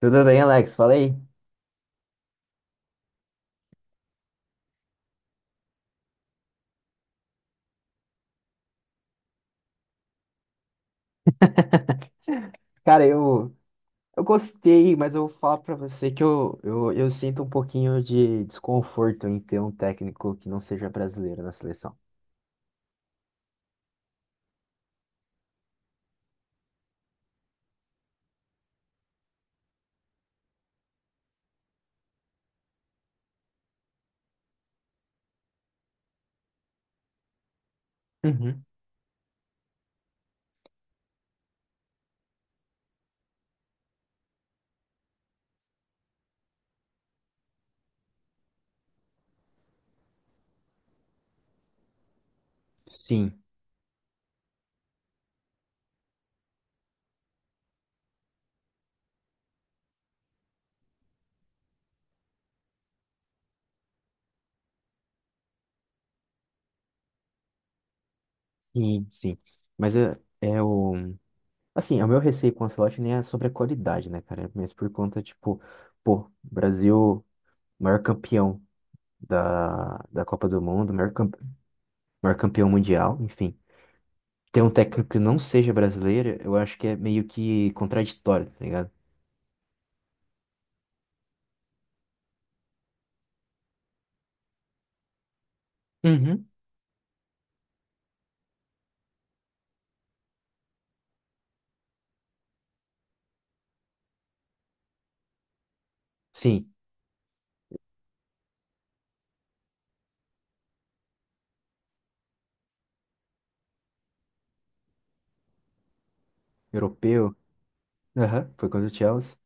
Tudo bem, Alex? Falei? Cara, eu gostei, mas eu vou falar pra você que eu sinto um pouquinho de desconforto em ter um técnico que não seja brasileiro na seleção. Uhum. Sim, sim, sim. Mas é, é o. Assim, é o meu receio com o Ancelotti nem é sobre a qualidade, né, cara? Mas por conta, tipo, pô, Brasil, maior campeão da Copa do Mundo, maior campeão mundial, enfim. Ter um técnico que não seja brasileiro, eu acho que é meio que contraditório, tá ligado? Uhum. Sim, europeu. Aham, foi contra o Chelsea.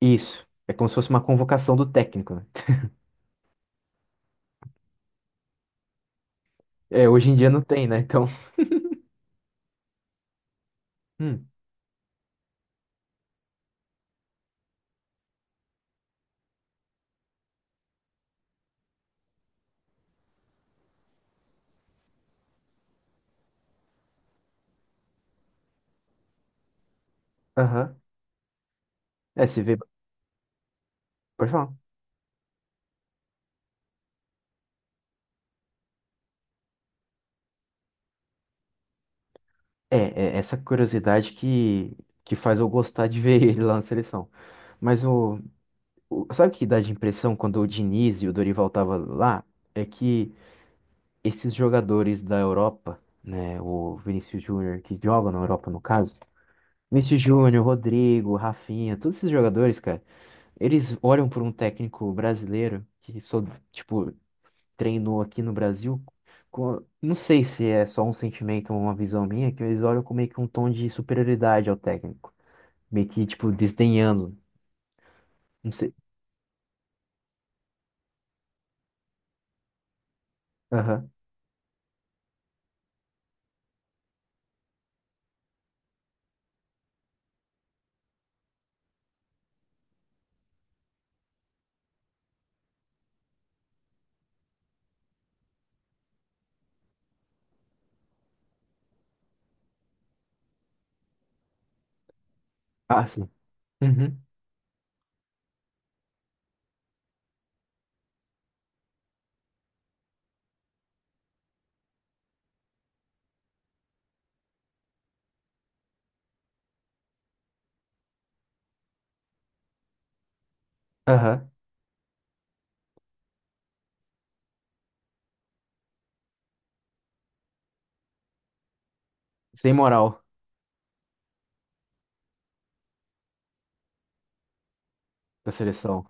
Isso. É como se fosse uma convocação do técnico, né? É, hoje em dia não tem, né? Então. Hum. Aham. É, se vê. Pode falar. É, é essa curiosidade que faz eu gostar de ver ele lá na seleção. Mas o, Sabe o que dá de impressão quando o Diniz e o Dorival tava lá? É que esses jogadores da Europa, né? O Vinícius Júnior, que jogam na Europa no caso. Vinícius Júnior, Rodrigo, Rafinha, todos esses jogadores, cara. Eles olham por um técnico brasileiro que só, tipo, treinou aqui no Brasil. Não sei se é só um sentimento ou uma visão minha, que eles olham com meio que um tom de superioridade ao técnico. Meio que, tipo, desdenhando. Não sei. Aham. Ah, sim. Uhum. Aham. Sem moral da seleção.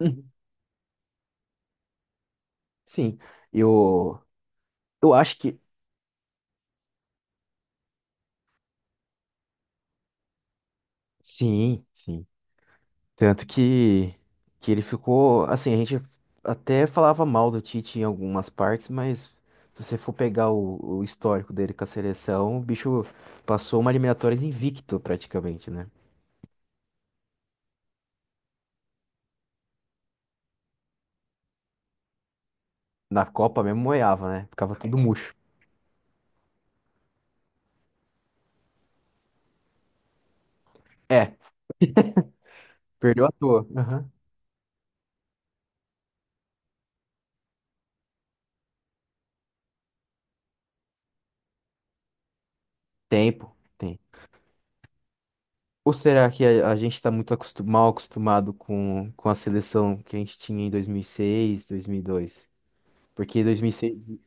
Uhum. Sim. Eu, eu acho que. Sim, sim. Tanto que ele ficou, assim, a gente até falava mal do Tite em algumas partes, mas se você for pegar o histórico dele com a seleção, o bicho passou uma eliminatórias invicto praticamente, né? Na Copa mesmo moiava, né? Ficava tudo murcho. É, perdeu à toa. Aham. Tempo, tem. Ou será que a gente tá muito mal acostumado com a seleção que a gente tinha em dois mil e seis, 2002. Porque em 2006...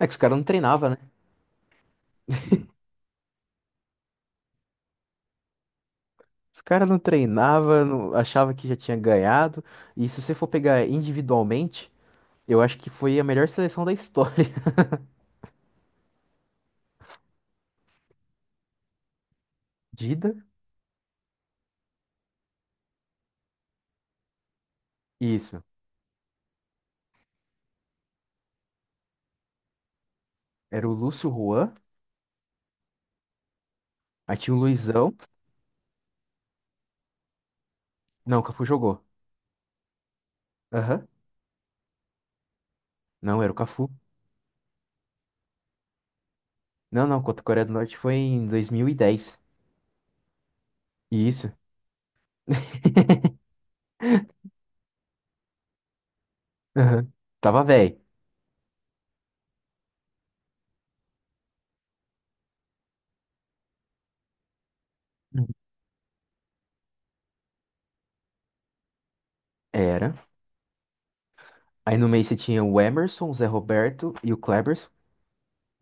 É que os caras não treinavam, né? Os caras não treinava, não, achava que já tinha ganhado. E se você for pegar individualmente, eu acho que foi a melhor seleção da história. Dida, isso. Era o Lúcio, Juan, aí tinha o Luizão. Não, o Cafu jogou. Aham. Não, era o Cafu. Não, não, contra a Coreia do Norte foi em 2010. Isso. Aham. Tava velho. Era. Aí no meio você tinha o Emerson, o Zé Roberto e o Kleber.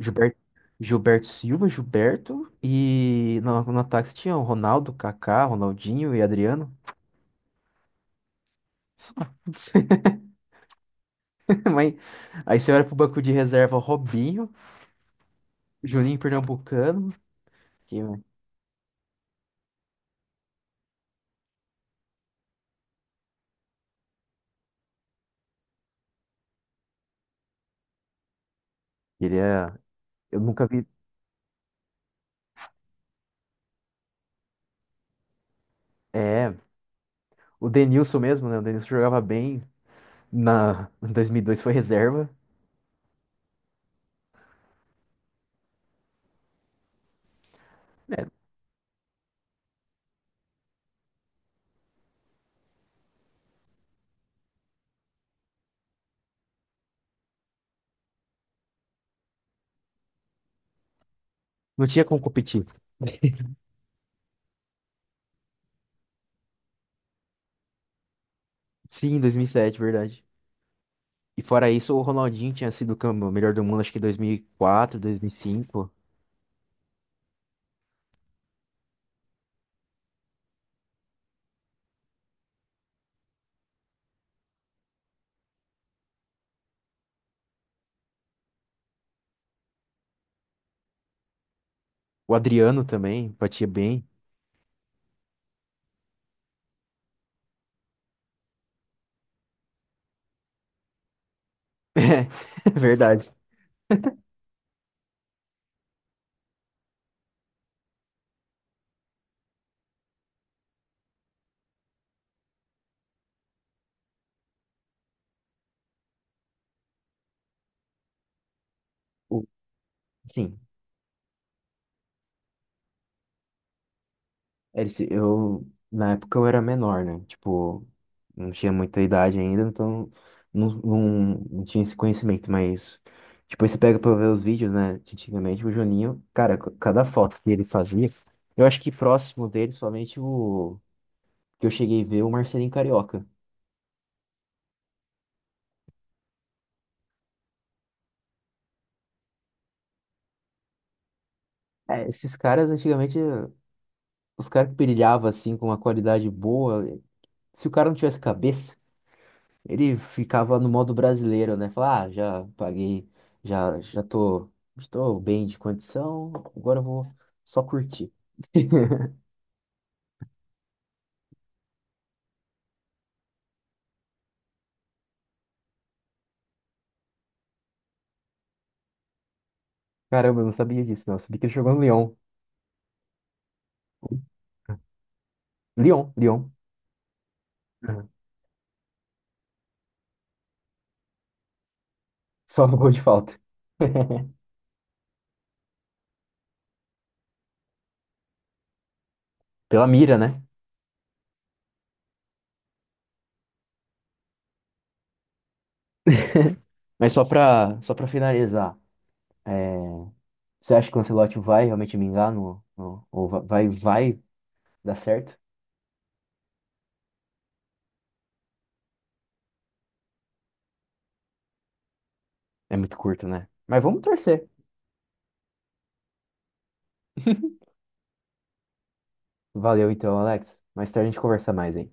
Gilberto, Gilberto Silva, Gilberto. E no ataque tinha o Ronaldo, Kaká, Ronaldinho e Adriano. Só. Mas, aí você olha pro banco de reserva, Robinho, Juninho Pernambucano. Que, né, queria. Eu nunca vi. É, o Denilson mesmo, né? O Denilson jogava bem. Em 2002 foi reserva. É, não tinha como competir. Sim, em 2007, verdade. E fora isso, o Ronaldinho tinha sido o o melhor do mundo, acho que em 2004, 2005. O Adriano também batia bem. É, verdade. O- Sim, ele se eu na época eu era menor, né? Tipo, não tinha muita idade ainda, então não, não, não tinha esse conhecimento, mas depois você pega pra ver os vídeos, né? De antigamente, o Juninho, cara, cada foto que ele fazia, eu acho que próximo dele, somente o que eu cheguei a ver, o Marcelinho Carioca. É, esses caras antigamente, os caras que brilhavam assim com uma qualidade boa, se o cara não tivesse cabeça. Ele ficava no modo brasileiro, né? Falar, ah, já paguei, já tô, estou bem de condição, agora eu vou só curtir. Caramba, eu não sabia disso, não. Eu sabia que ele jogou no Lyon. Lyon, Lyon. Uhum. Só no gol de falta. Pela mira, né? Mas só pra finalizar, é, você acha que o Ancelotti vai realmente me no, no, ou vai dar certo? É muito curto, né? Mas vamos torcer. Valeu então, Alex. Mais tarde a gente conversa mais, hein?